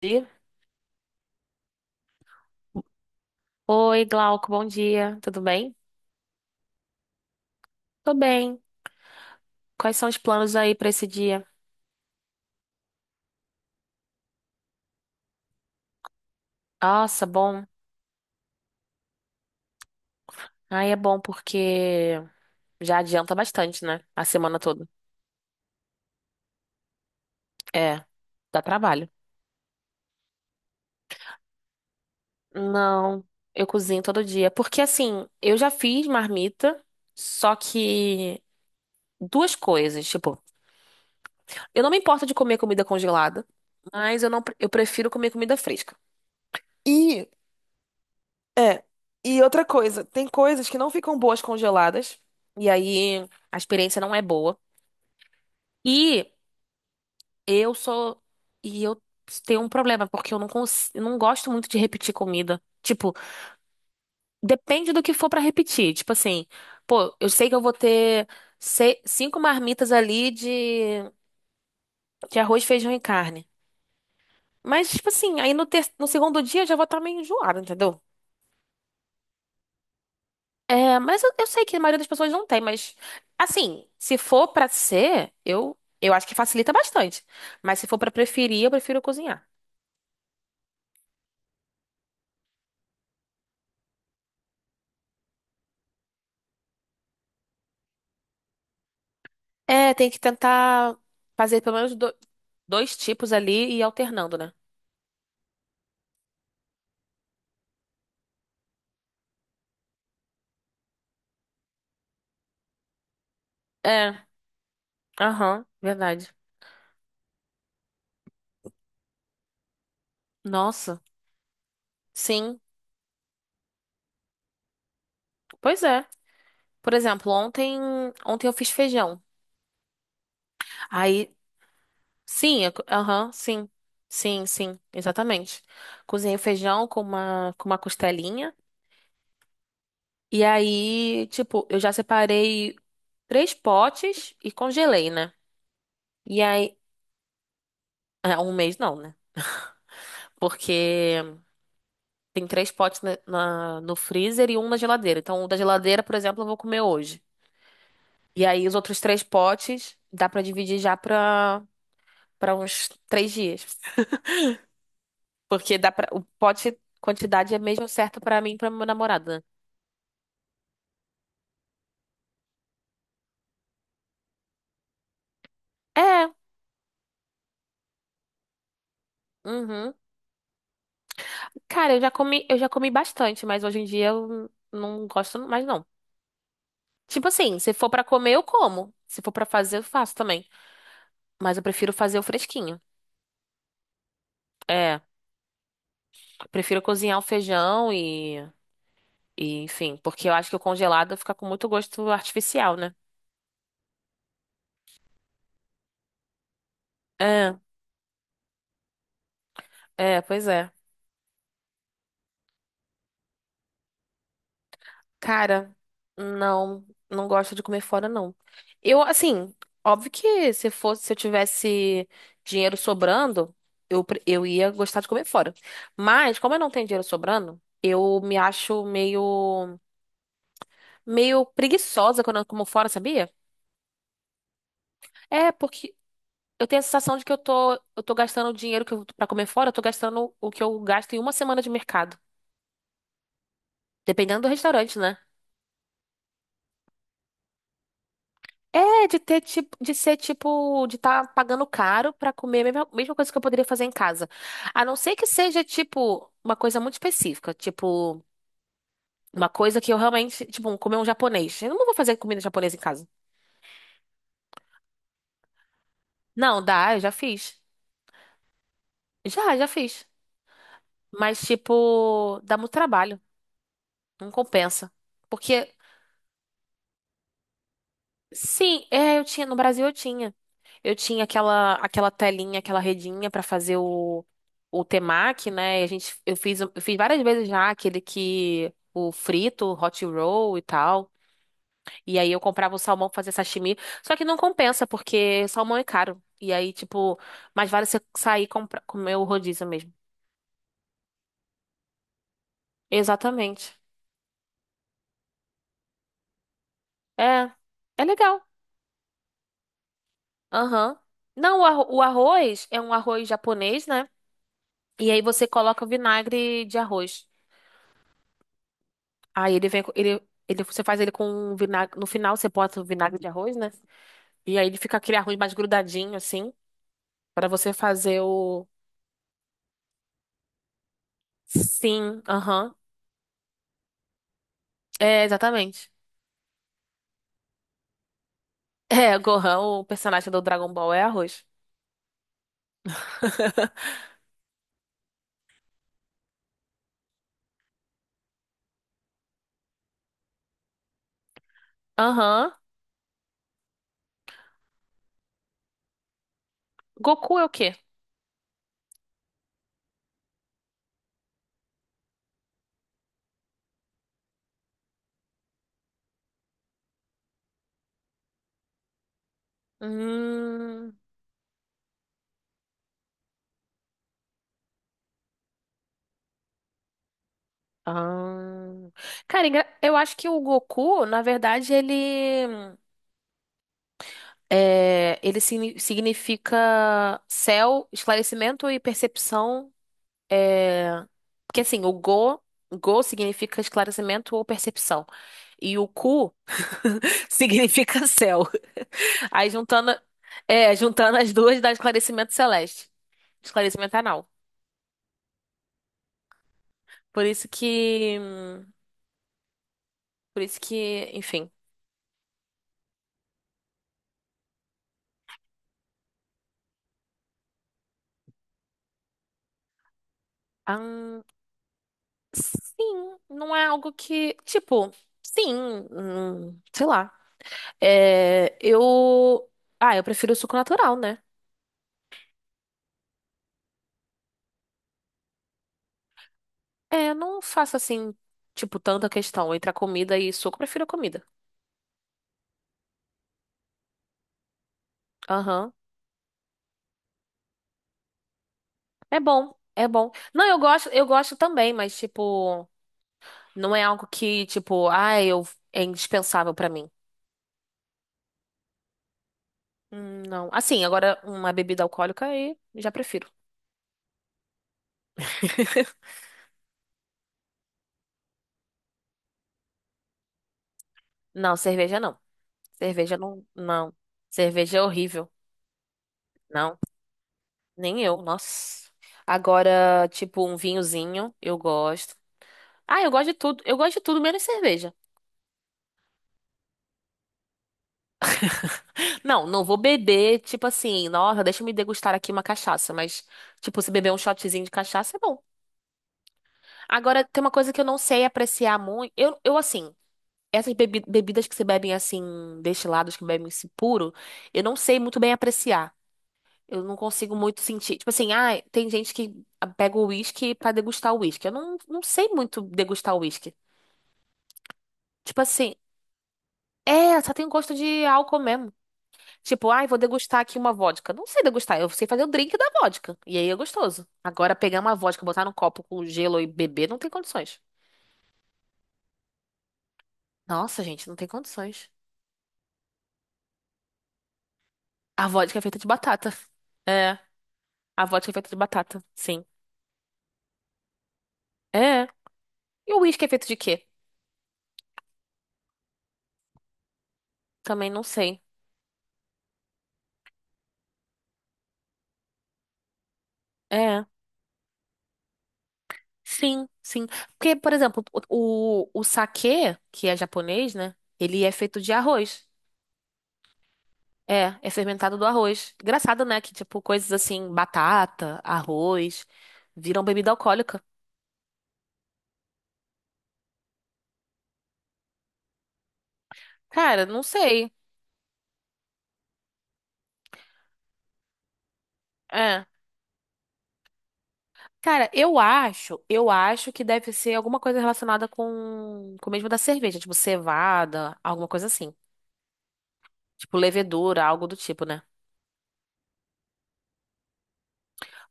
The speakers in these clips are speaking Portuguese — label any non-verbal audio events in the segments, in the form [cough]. Dia. Oi, Glauco, bom dia. Tudo bem? Tô bem. Quais são os planos aí pra esse dia? Nossa, bom. Aí é bom porque já adianta bastante, né? A semana toda. É, dá trabalho. Não, eu cozinho todo dia. Porque assim, eu já fiz marmita, só que duas coisas, tipo, eu não me importo de comer comida congelada, mas eu não, eu prefiro comer comida fresca. E. É. E outra coisa, tem coisas que não ficam boas congeladas, e aí a experiência não é boa. E eu sou. E eu tenho um problema, porque eu não gosto muito de repetir comida. Tipo, depende do que for pra repetir. Tipo assim, pô, eu sei que eu vou ter cinco marmitas ali de, arroz, feijão e carne. Mas, tipo assim, aí no, ter... no segundo dia eu já vou estar meio enjoada, entendeu? É, mas eu sei que a maioria das pessoas não tem, mas assim, se for pra ser, eu acho que facilita bastante. Mas se for pra preferir, eu prefiro cozinhar. É, tem que tentar fazer pelo menos dois tipos ali e ir alternando, né? É, aham, verdade. Nossa, sim, pois é. Por exemplo, ontem eu fiz feijão. Aí, sim, aham, sim, sim, sim, exatamente. Cozinhei o feijão com uma costelinha. E aí, tipo, eu já separei três potes e congelei, né? E aí, é, um mês não, né? Porque tem três potes na, no freezer e um na geladeira. Então, o da geladeira, por exemplo, eu vou comer hoje. E aí, os outros três potes dá pra dividir já pra uns três dias. Porque dá pra, o pote, quantidade é mesmo certa pra mim e pra meu namorado, né? É, uhum. Cara, eu já comi bastante, mas hoje em dia eu não gosto mais, não. Tipo assim, se for pra comer, eu como. Se for pra fazer, eu faço também. Mas eu prefiro fazer o fresquinho. É, prefiro cozinhar o feijão e enfim, porque eu acho que o congelado fica com muito gosto artificial, né? É, é, pois é. Cara, não, não gosto de comer fora, não. Eu, assim, óbvio que se fosse, se eu tivesse dinheiro sobrando, eu ia gostar de comer fora. Mas, como eu não tenho dinheiro sobrando, eu me acho meio preguiçosa quando eu como fora, sabia? É, porque eu tenho a sensação de que eu tô gastando o dinheiro que eu, pra comer fora, eu tô gastando o que eu gasto em uma semana de mercado. Dependendo do restaurante, né? É, de ter tipo, de ser tipo, de estar pagando caro pra comer a mesma, mesma coisa que eu poderia fazer em casa. A não ser que seja, tipo, uma coisa muito específica, tipo, uma coisa que eu realmente, tipo, comer um japonês. Eu não vou fazer comida japonesa em casa. Não, dá, eu já fiz. Já, já fiz. Mas, tipo, dá muito trabalho. Não compensa. Porque, sim, é, eu tinha, no Brasil eu tinha. Eu tinha aquela telinha, aquela redinha pra fazer o temaki, né? E a gente eu fiz várias vezes já aquele que o frito, o hot roll e tal. E aí eu comprava o salmão pra fazer sashimi. Só que não compensa porque salmão é caro. E aí, tipo, mais vale você sair e comprar comer o rodízio mesmo. Exatamente. É. É legal. Aham. Não, o arroz é um arroz japonês, né? E aí você coloca o vinagre de arroz. Aí ele vem, com- ele, você faz ele com um vinagre. No final você bota o vinagre de arroz, né? E aí ele fica aquele arroz mais grudadinho, assim, pra você fazer o. Sim, aham. É, exatamente. [laughs] É, o Gohan, o personagem do Dragon Ball é arroz. [laughs] Aham. Goku é o quê? Hum. Ah. Cara, eu acho que o Goku, na verdade, ele. É, ele significa céu, esclarecimento e percepção. É, porque assim, o Go, Go significa esclarecimento ou percepção. E o Ku [laughs] significa céu. Aí juntando as duas dá esclarecimento celeste. Esclarecimento anal. Por isso que. hum, Por isso que, enfim. Ahn, sim, não é algo que. Tipo, sim. Sei lá. É, eu. Ah, eu prefiro o suco natural, né? É, eu não faço assim, tipo, tanta questão entre a comida e suco, eu prefiro a comida. Aham. É bom, é bom. Não, eu gosto também, mas, tipo, não é algo que, tipo, ah, eu é indispensável pra mim. Não. Assim, agora uma bebida alcoólica aí já prefiro. [laughs] Não, cerveja não. Cerveja não, não. Cerveja é horrível. Não, nem eu, nossa. Agora, tipo, um vinhozinho, eu gosto. Ah, eu gosto de tudo. Eu gosto de tudo menos cerveja. Não, não vou beber, tipo assim, nossa, deixa eu me degustar aqui uma cachaça, mas, tipo, se beber um shotzinho de cachaça é bom. Agora, tem uma coisa que eu não sei apreciar muito. Eu assim, essas bebidas que se bebem assim, destilados que bebem esse puro, eu não sei muito bem apreciar. Eu não consigo muito sentir. Tipo assim, ah, tem gente que pega o uísque pra degustar o uísque. Eu não sei muito degustar o uísque. Tipo assim, é, só tem gosto de álcool mesmo. Tipo, ai, vou degustar aqui uma vodka. Não sei degustar, eu sei fazer o drink da vodka. E aí é gostoso. Agora, pegar uma vodka, botar num copo com gelo e beber, não tem condições. Nossa, gente, não tem condições. A vodka é feita de batata. É, a vodka é feita de batata, sim. É. E o uísque é feito de quê? Também não sei. É. Sim, sim. Porque, por exemplo, o saquê, que é japonês, né? Ele é feito de arroz. É, é fermentado do arroz. Engraçado, né? Que, tipo, coisas assim, batata, arroz, viram bebida alcoólica. Cara, não sei. É. Cara, eu acho que deve ser alguma coisa relacionada com o mesmo da cerveja, tipo cevada, alguma coisa assim. Tipo levedura, algo do tipo, né?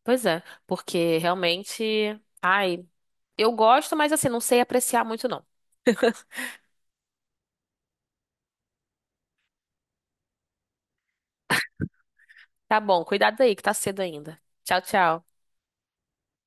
Pois é, porque realmente, ai, eu gosto, mas assim, não sei apreciar muito não. Tá bom, cuidado aí que tá cedo ainda. Tchau, tchau.